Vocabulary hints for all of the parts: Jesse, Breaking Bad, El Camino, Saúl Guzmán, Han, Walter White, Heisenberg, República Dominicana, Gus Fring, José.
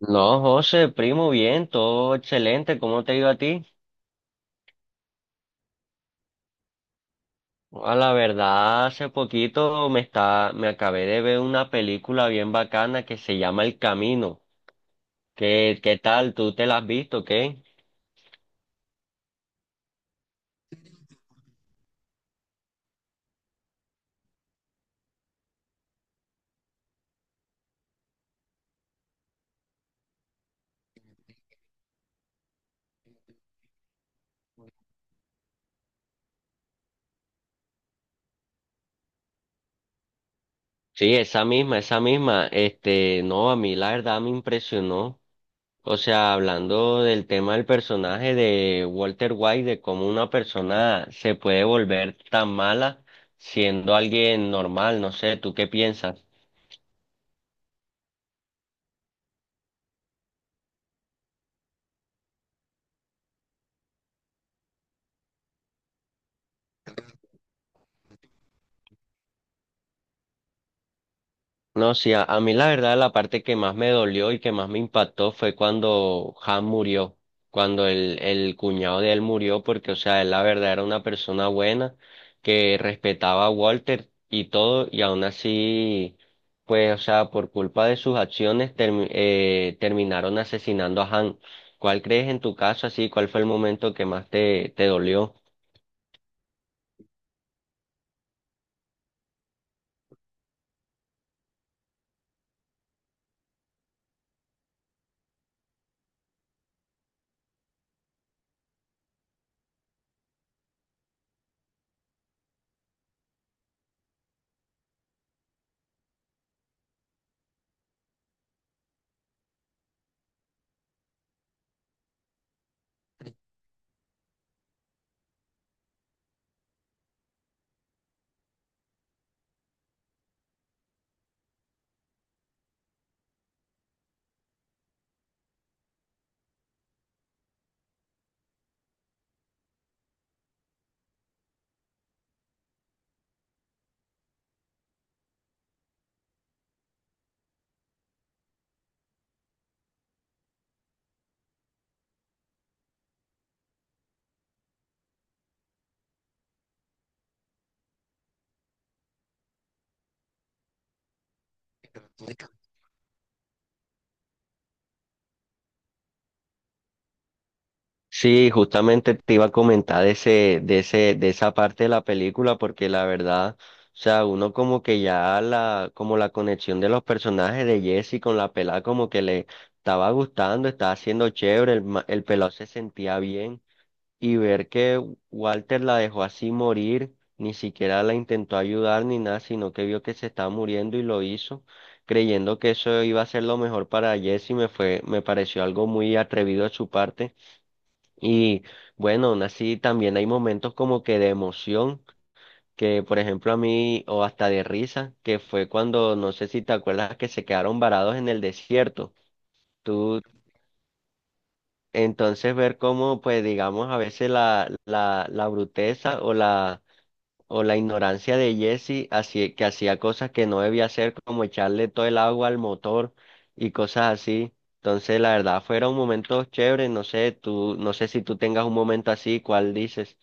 No, José, primo, bien, todo excelente. ¿Cómo te ha ido a ti? A la verdad, hace poquito me acabé de ver una película bien bacana que se llama El Camino. ¿Qué tal? ¿Tú te la has visto, qué? Sí, esa misma, esa misma. Este, no, a mí la verdad me impresionó. O sea, hablando del tema del personaje de Walter White, de cómo una persona se puede volver tan mala siendo alguien normal, no sé, ¿tú qué piensas? No, sí, a mí la verdad la parte que más me dolió y que más me impactó fue cuando Han murió, cuando el cuñado de él murió, porque, o sea, él la verdad era una persona buena que respetaba a Walter y todo, y aún así, pues, o sea, por culpa de sus acciones terminaron asesinando a Han. ¿Cuál crees en tu caso así? ¿Cuál fue el momento que más te, te dolió? Sí, justamente te iba a comentar de esa parte de la película, porque la verdad, o sea, uno como que ya la, como la conexión de los personajes de Jesse con la pelada como que le estaba gustando, estaba haciendo chévere, el pelado se sentía bien, y ver que Walter la dejó así morir, ni siquiera la intentó ayudar ni nada, sino que vio que se estaba muriendo y lo hizo, creyendo que eso iba a ser lo mejor para Jesse, me pareció algo muy atrevido de su parte y bueno, aún así también hay momentos como que de emoción, que por ejemplo a mí, o hasta de risa, que fue cuando, no sé si te acuerdas que se quedaron varados en el desierto. Tú, entonces ver cómo, pues digamos, a veces la bruteza o la ignorancia de Jesse, así, que hacía cosas que no debía hacer, como echarle todo el agua al motor y cosas así. Entonces, la verdad, fueron momentos chéveres, no sé, tú, no sé si tú tengas un momento así, ¿cuál dices?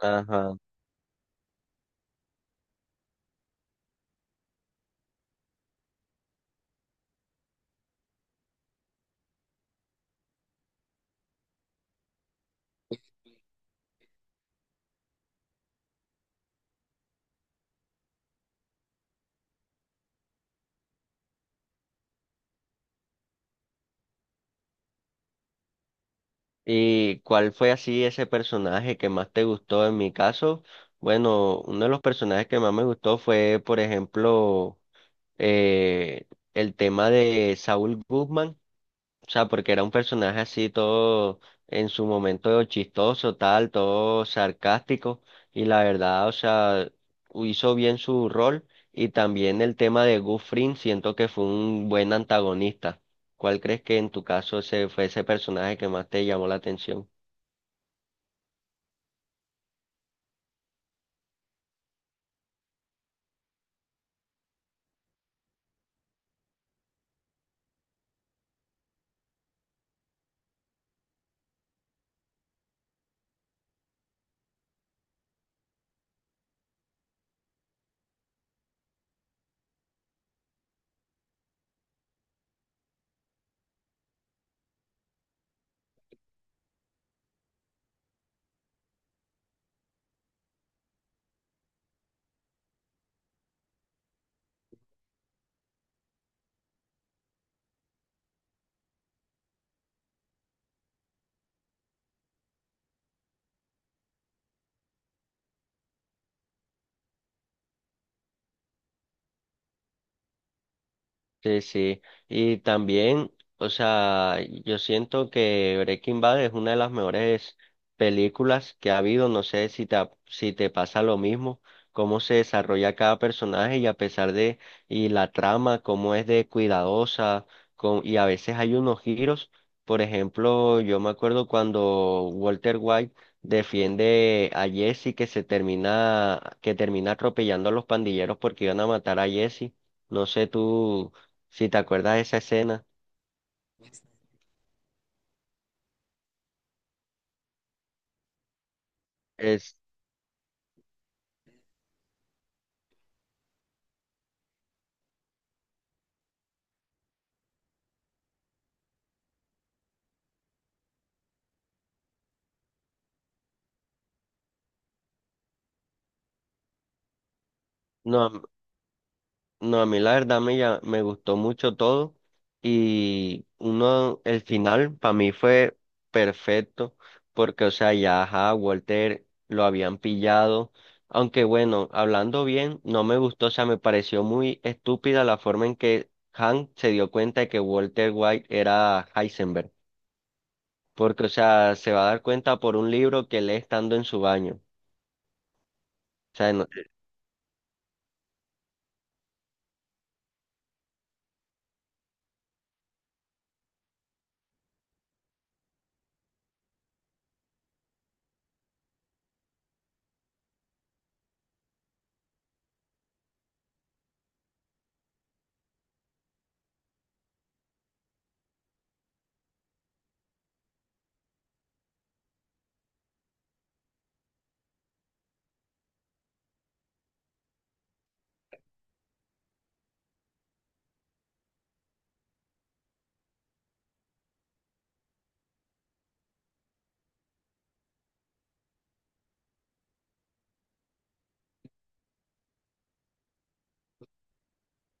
Ajá. ¿Y cuál fue así ese personaje que más te gustó? En mi caso, bueno, uno de los personajes que más me gustó fue, por ejemplo, eh, el tema de Saúl Guzmán. O sea, porque era un personaje así todo en su momento chistoso, tal, todo sarcástico. Y la verdad, o sea, hizo bien su rol. Y también el tema de Gus Fring, siento que fue un buen antagonista. ¿Cuál crees que en tu caso ese fue ese personaje que más te llamó la atención? Sí, sí. Y también, o sea, yo siento que Breaking Bad es una de las mejores películas que ha habido. No sé si si te pasa lo mismo, cómo se desarrolla cada personaje y a pesar de, y la trama, cómo es de cuidadosa, con, y a veces hay unos giros. Por ejemplo, yo me acuerdo cuando Walter White defiende a Jesse que termina atropellando a los pandilleros porque iban a matar a Jesse. No sé tú. Si te acuerdas de esa escena, es, no, a- no, a mí la verdad me gustó mucho todo y uno, el final para mí fue perfecto porque, o sea, ya, ajá, Walter lo habían pillado, aunque bueno, hablando bien, no me gustó, o sea, me pareció muy estúpida la forma en que Hank se dio cuenta de que Walter White era Heisenberg, porque, o sea, se va a dar cuenta por un libro que lee estando en su baño. O sea, no.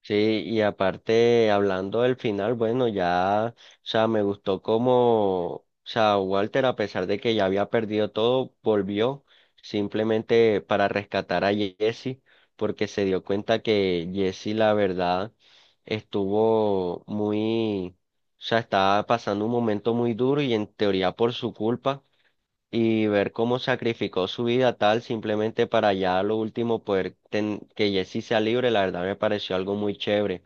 Sí, y aparte, hablando del final, bueno, ya, o sea, me gustó como, o sea, Walter, a pesar de que ya había perdido todo, volvió simplemente para rescatar a Jesse, porque se dio cuenta que Jesse, la verdad, estuvo muy, o sea, estaba pasando un momento muy duro y en teoría por su culpa y ver cómo sacrificó su vida tal simplemente para ya a lo último que Jesse sea libre, la verdad me pareció algo muy chévere.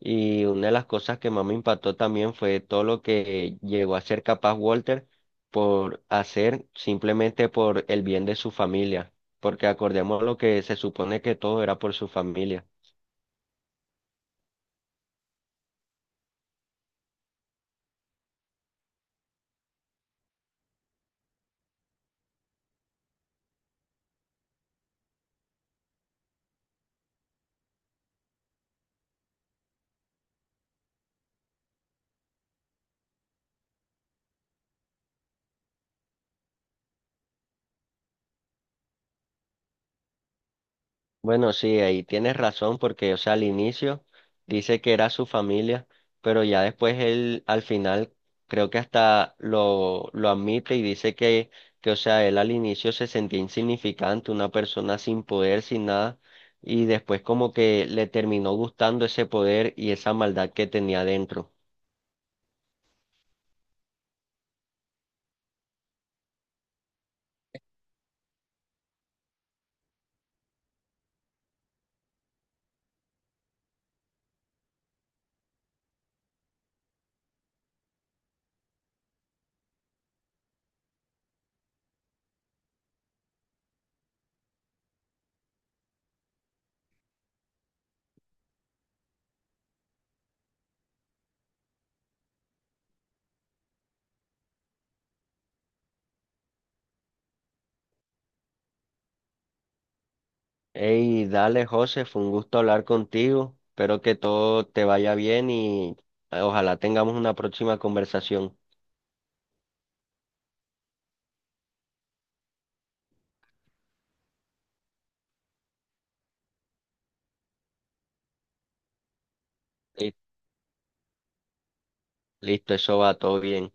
Y una de las cosas que más me impactó también fue todo lo que llegó a ser capaz Walter por hacer simplemente por el bien de su familia, porque acordemos lo que se supone que todo era por su familia. Bueno, sí, ahí tienes razón porque, o sea, al inicio dice que era su familia, pero ya después él al final creo que hasta lo admite y dice que, o sea, él al inicio se sentía insignificante, una persona sin poder, sin nada, y después como que le terminó gustando ese poder y esa maldad que tenía dentro. Hey, dale, José, fue un gusto hablar contigo, espero que todo te vaya bien y ojalá tengamos una próxima conversación. Listo, eso va todo bien.